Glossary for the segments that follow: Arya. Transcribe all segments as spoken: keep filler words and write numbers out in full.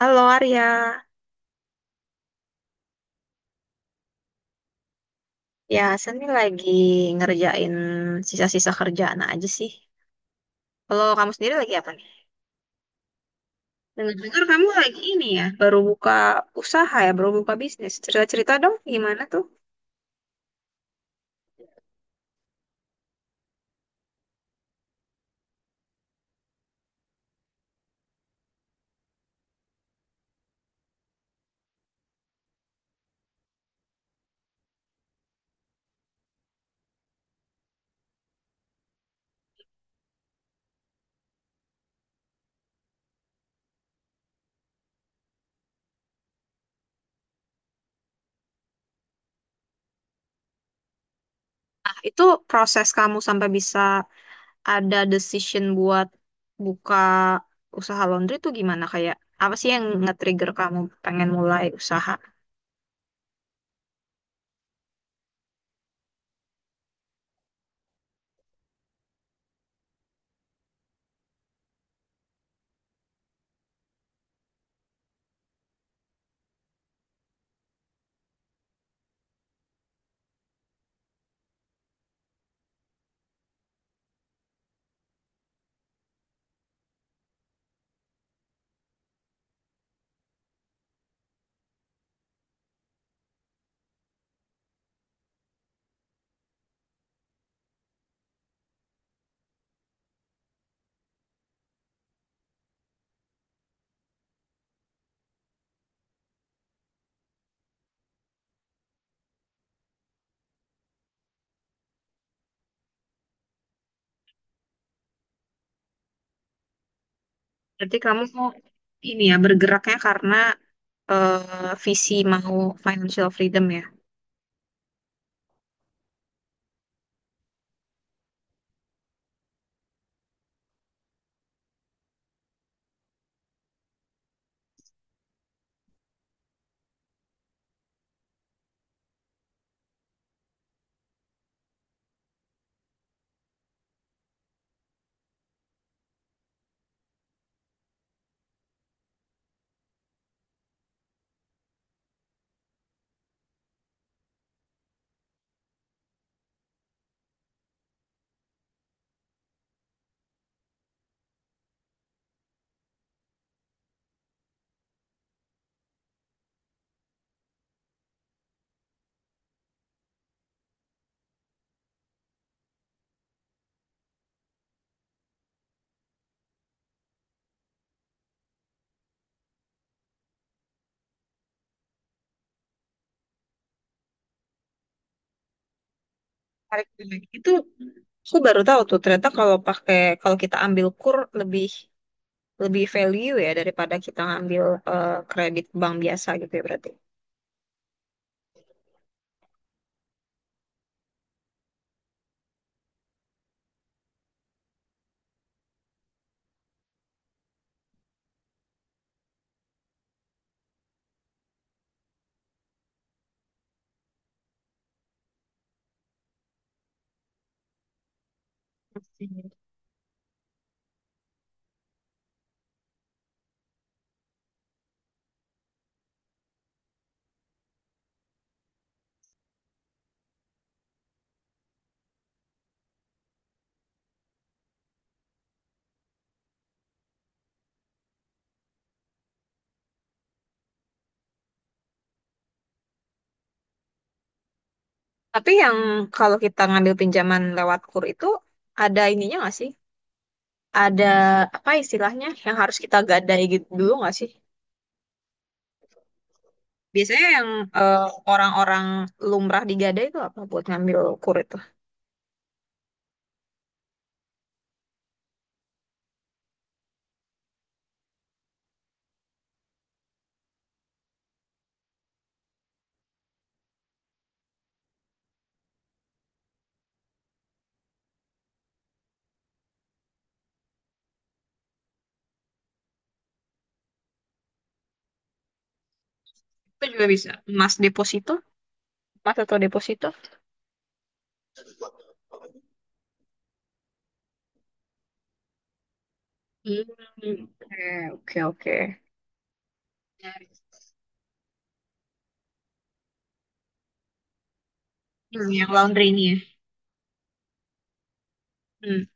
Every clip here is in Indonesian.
Halo Arya, ya saya ini lagi ngerjain sisa-sisa kerjaan aja sih. Kalau kamu sendiri lagi apa nih? Dengar-dengar kamu lagi ini ya, baru buka usaha ya, baru buka bisnis. Cerita-cerita dong gimana tuh? Nah, itu proses kamu sampai bisa ada decision buat buka usaha laundry tuh gimana? Kayak apa sih yang nge-trigger kamu pengen mulai usaha? Berarti kamu ini ya, bergeraknya karena eh, visi mau financial freedom ya? Tarik balik. Itu aku baru tahu tuh ternyata kalau pakai kalau kita ambil kur lebih lebih value ya daripada kita ngambil eh, kredit bank biasa gitu ya berarti. Pastinya. Tapi yang kalau kita ngambil pinjaman lewat kur itu ada ininya nggak sih? Ada apa istilahnya yang harus kita gadai gitu dulu nggak sih? Biasanya yang eh, orang-orang lumrah digadai itu apa buat ngambil kur itu? Itu juga bisa. Emas deposito, emas atau deposito? Hmm. Oke, oke, oke. Dari- Hmm, yang laundry ini ya. Hmm.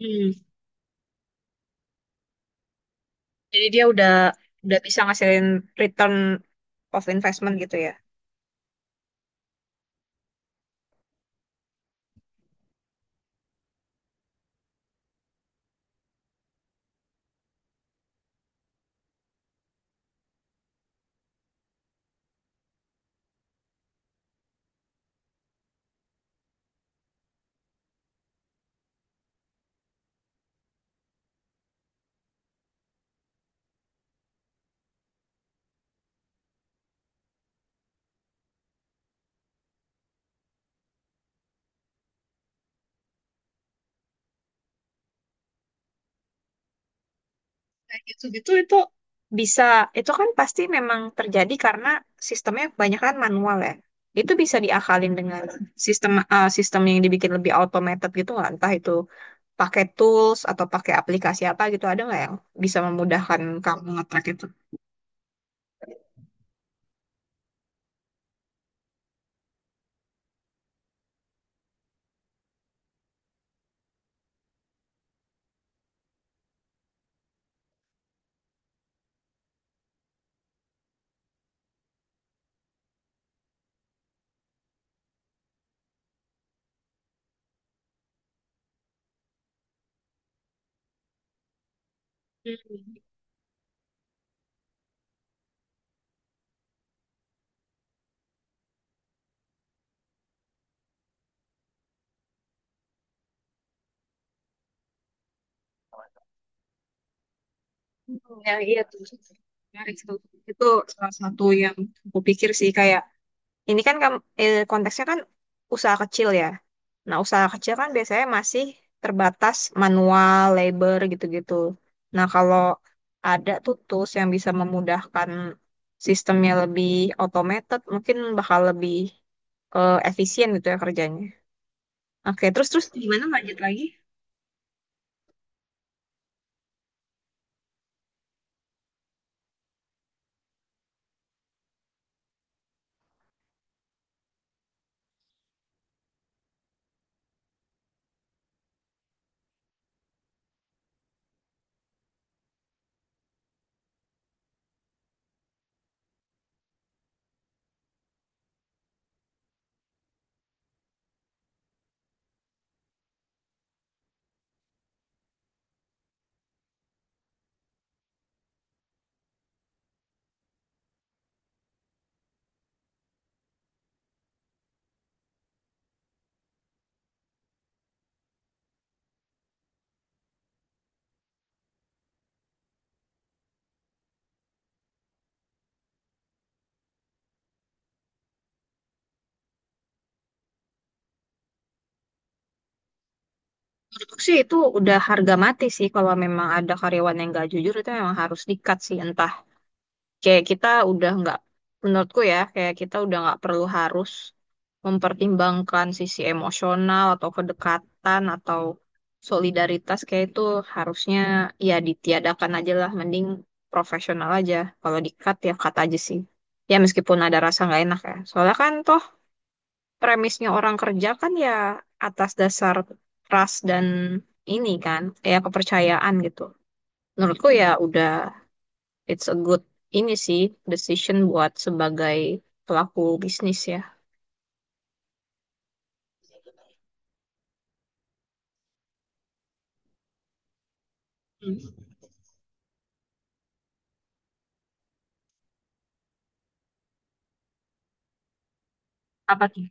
Hmm. Jadi dia udah udah bisa ngasilin return of investment gitu ya. Kayak gitu-gitu itu bisa itu kan pasti memang terjadi karena sistemnya kebanyakan manual ya. Itu bisa diakalin dengan sistem eh, sistem yang dibikin lebih automated gitu nggak? Entah itu pakai tools atau pakai aplikasi apa gitu ada nggak yang bisa memudahkan kamu nge-track itu? Hmm. Hmm, ya, iya tuh. Menarik tuh. Itu salah satu yang aku pikir sih kayak ini kan kam- eh, konteksnya kan usaha kecil ya. Nah, usaha kecil kan biasanya masih terbatas manual, labor gitu-gitu. Nah, kalau ada tuh tools yang bisa memudahkan sistemnya lebih automated, mungkin bakal lebih eh, efisien gitu ya kerjanya. Oke, terus terus gimana lanjut lagi? Menurutku sih itu udah harga mati sih kalau memang ada karyawan yang nggak jujur itu memang harus di-cut sih entah kayak kita udah nggak, menurutku ya kayak kita udah nggak perlu harus mempertimbangkan sisi emosional atau kedekatan atau solidaritas, kayak itu harusnya ya ditiadakan aja lah, mending profesional aja, kalau di-cut ya cut aja sih, ya meskipun ada rasa nggak enak ya soalnya kan toh premisnya orang kerja kan ya atas dasar trust dan ini kan kayak kepercayaan gitu. Menurutku ya udah it's a good ini sih decision buat sebagai pelaku bisnis ya. Hmm. Apa tuh?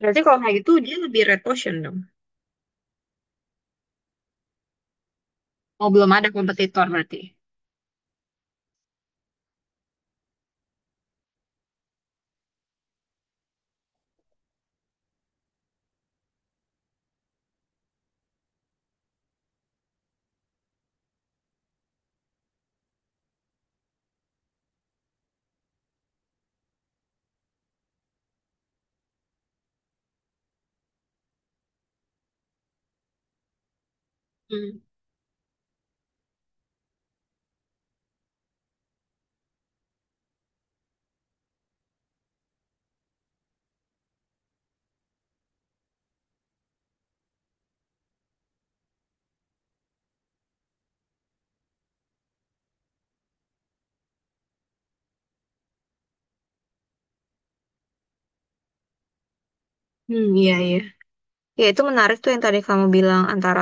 Berarti kalau kayak gitu dia lebih red ocean dong. Oh belum ada kompetitor berarti. Hmm. Hmm, iya iya. Ya, itu menarik tuh yang tadi kamu bilang antara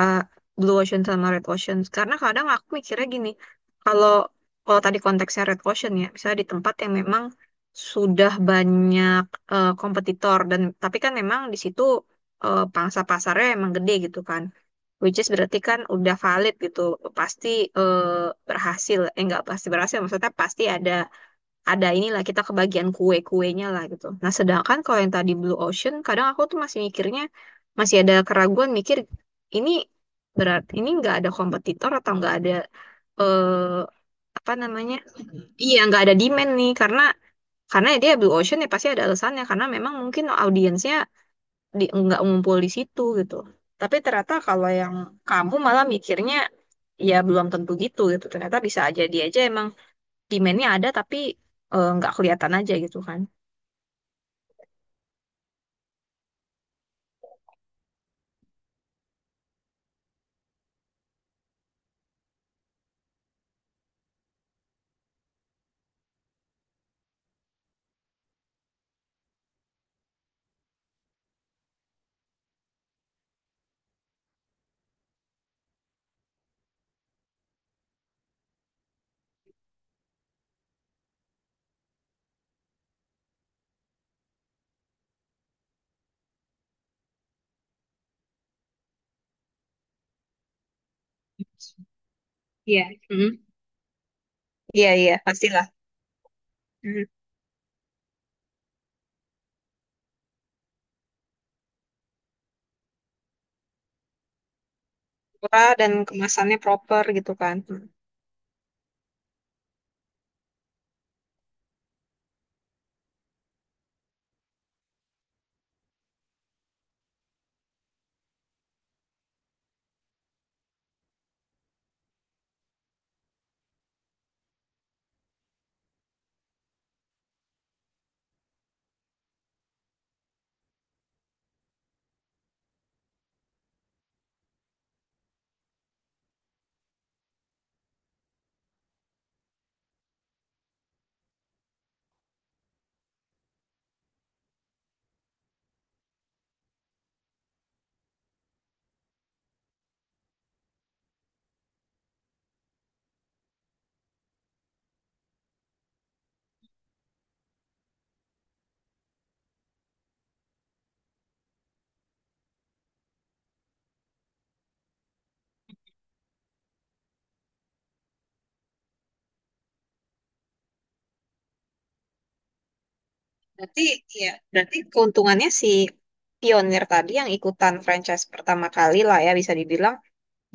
blue ocean sama red ocean. Karena kadang aku mikirnya gini, kalau kalau tadi konteksnya red ocean ya, misalnya di tempat yang memang sudah banyak eh, kompetitor, dan tapi kan memang di situ eh, pangsa pasarnya emang gede gitu kan. Which is berarti kan udah valid gitu, pasti eh, berhasil. Eh nggak pasti berhasil, maksudnya pasti ada ada inilah kita kebagian kue-kuenya lah gitu. Nah, sedangkan kalau yang tadi Blue Ocean, kadang aku tuh masih mikirnya masih ada keraguan mikir ini berat ini nggak ada kompetitor atau nggak ada eh, apa namanya? Iya, nggak ada demand nih karena karena ya dia Blue Ocean ya pasti ada alasannya karena memang mungkin audiensnya di, nggak ngumpul di situ gitu. Tapi ternyata kalau yang kamu malah mikirnya ya belum tentu gitu gitu. Ternyata bisa aja dia aja emang demand-nya ada tapi eh, nggak kelihatan aja gitu kan. Iya. Mm. Iya, iya, pastilah. Mm. Murah dan kemasannya proper gitu kan. Mm. Berarti, ya, berarti keuntungannya si pionir tadi yang ikutan franchise pertama kali lah ya, bisa dibilang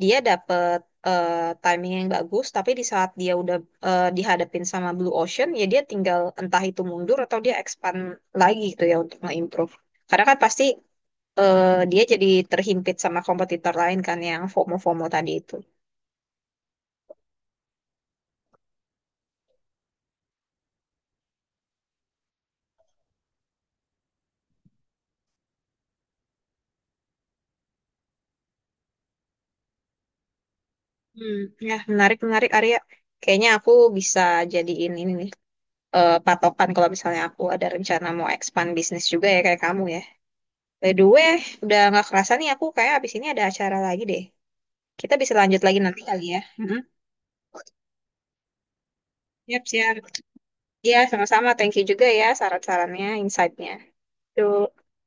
dia dapet eh, timing yang bagus, tapi di saat dia udah eh, dihadapin sama Blue Ocean, ya dia tinggal entah itu mundur atau dia expand lagi gitu ya untuk nge-improve. Karena kan pasti eh, dia jadi terhimpit sama kompetitor lain kan yang FOMO-FOMO tadi itu. Hmm, ya menarik menarik Arya. Kayaknya aku bisa jadiin ini nih eh, patokan kalau misalnya aku ada rencana mau expand bisnis juga ya kayak kamu ya. By the way, udah nggak kerasa nih aku kayak abis ini ada acara lagi deh. Kita bisa lanjut lagi nanti kali ya. Mhm. Siap, siap. Iya, sama-sama. Thank you juga ya saran-sarannya, insight-nya. Tuh.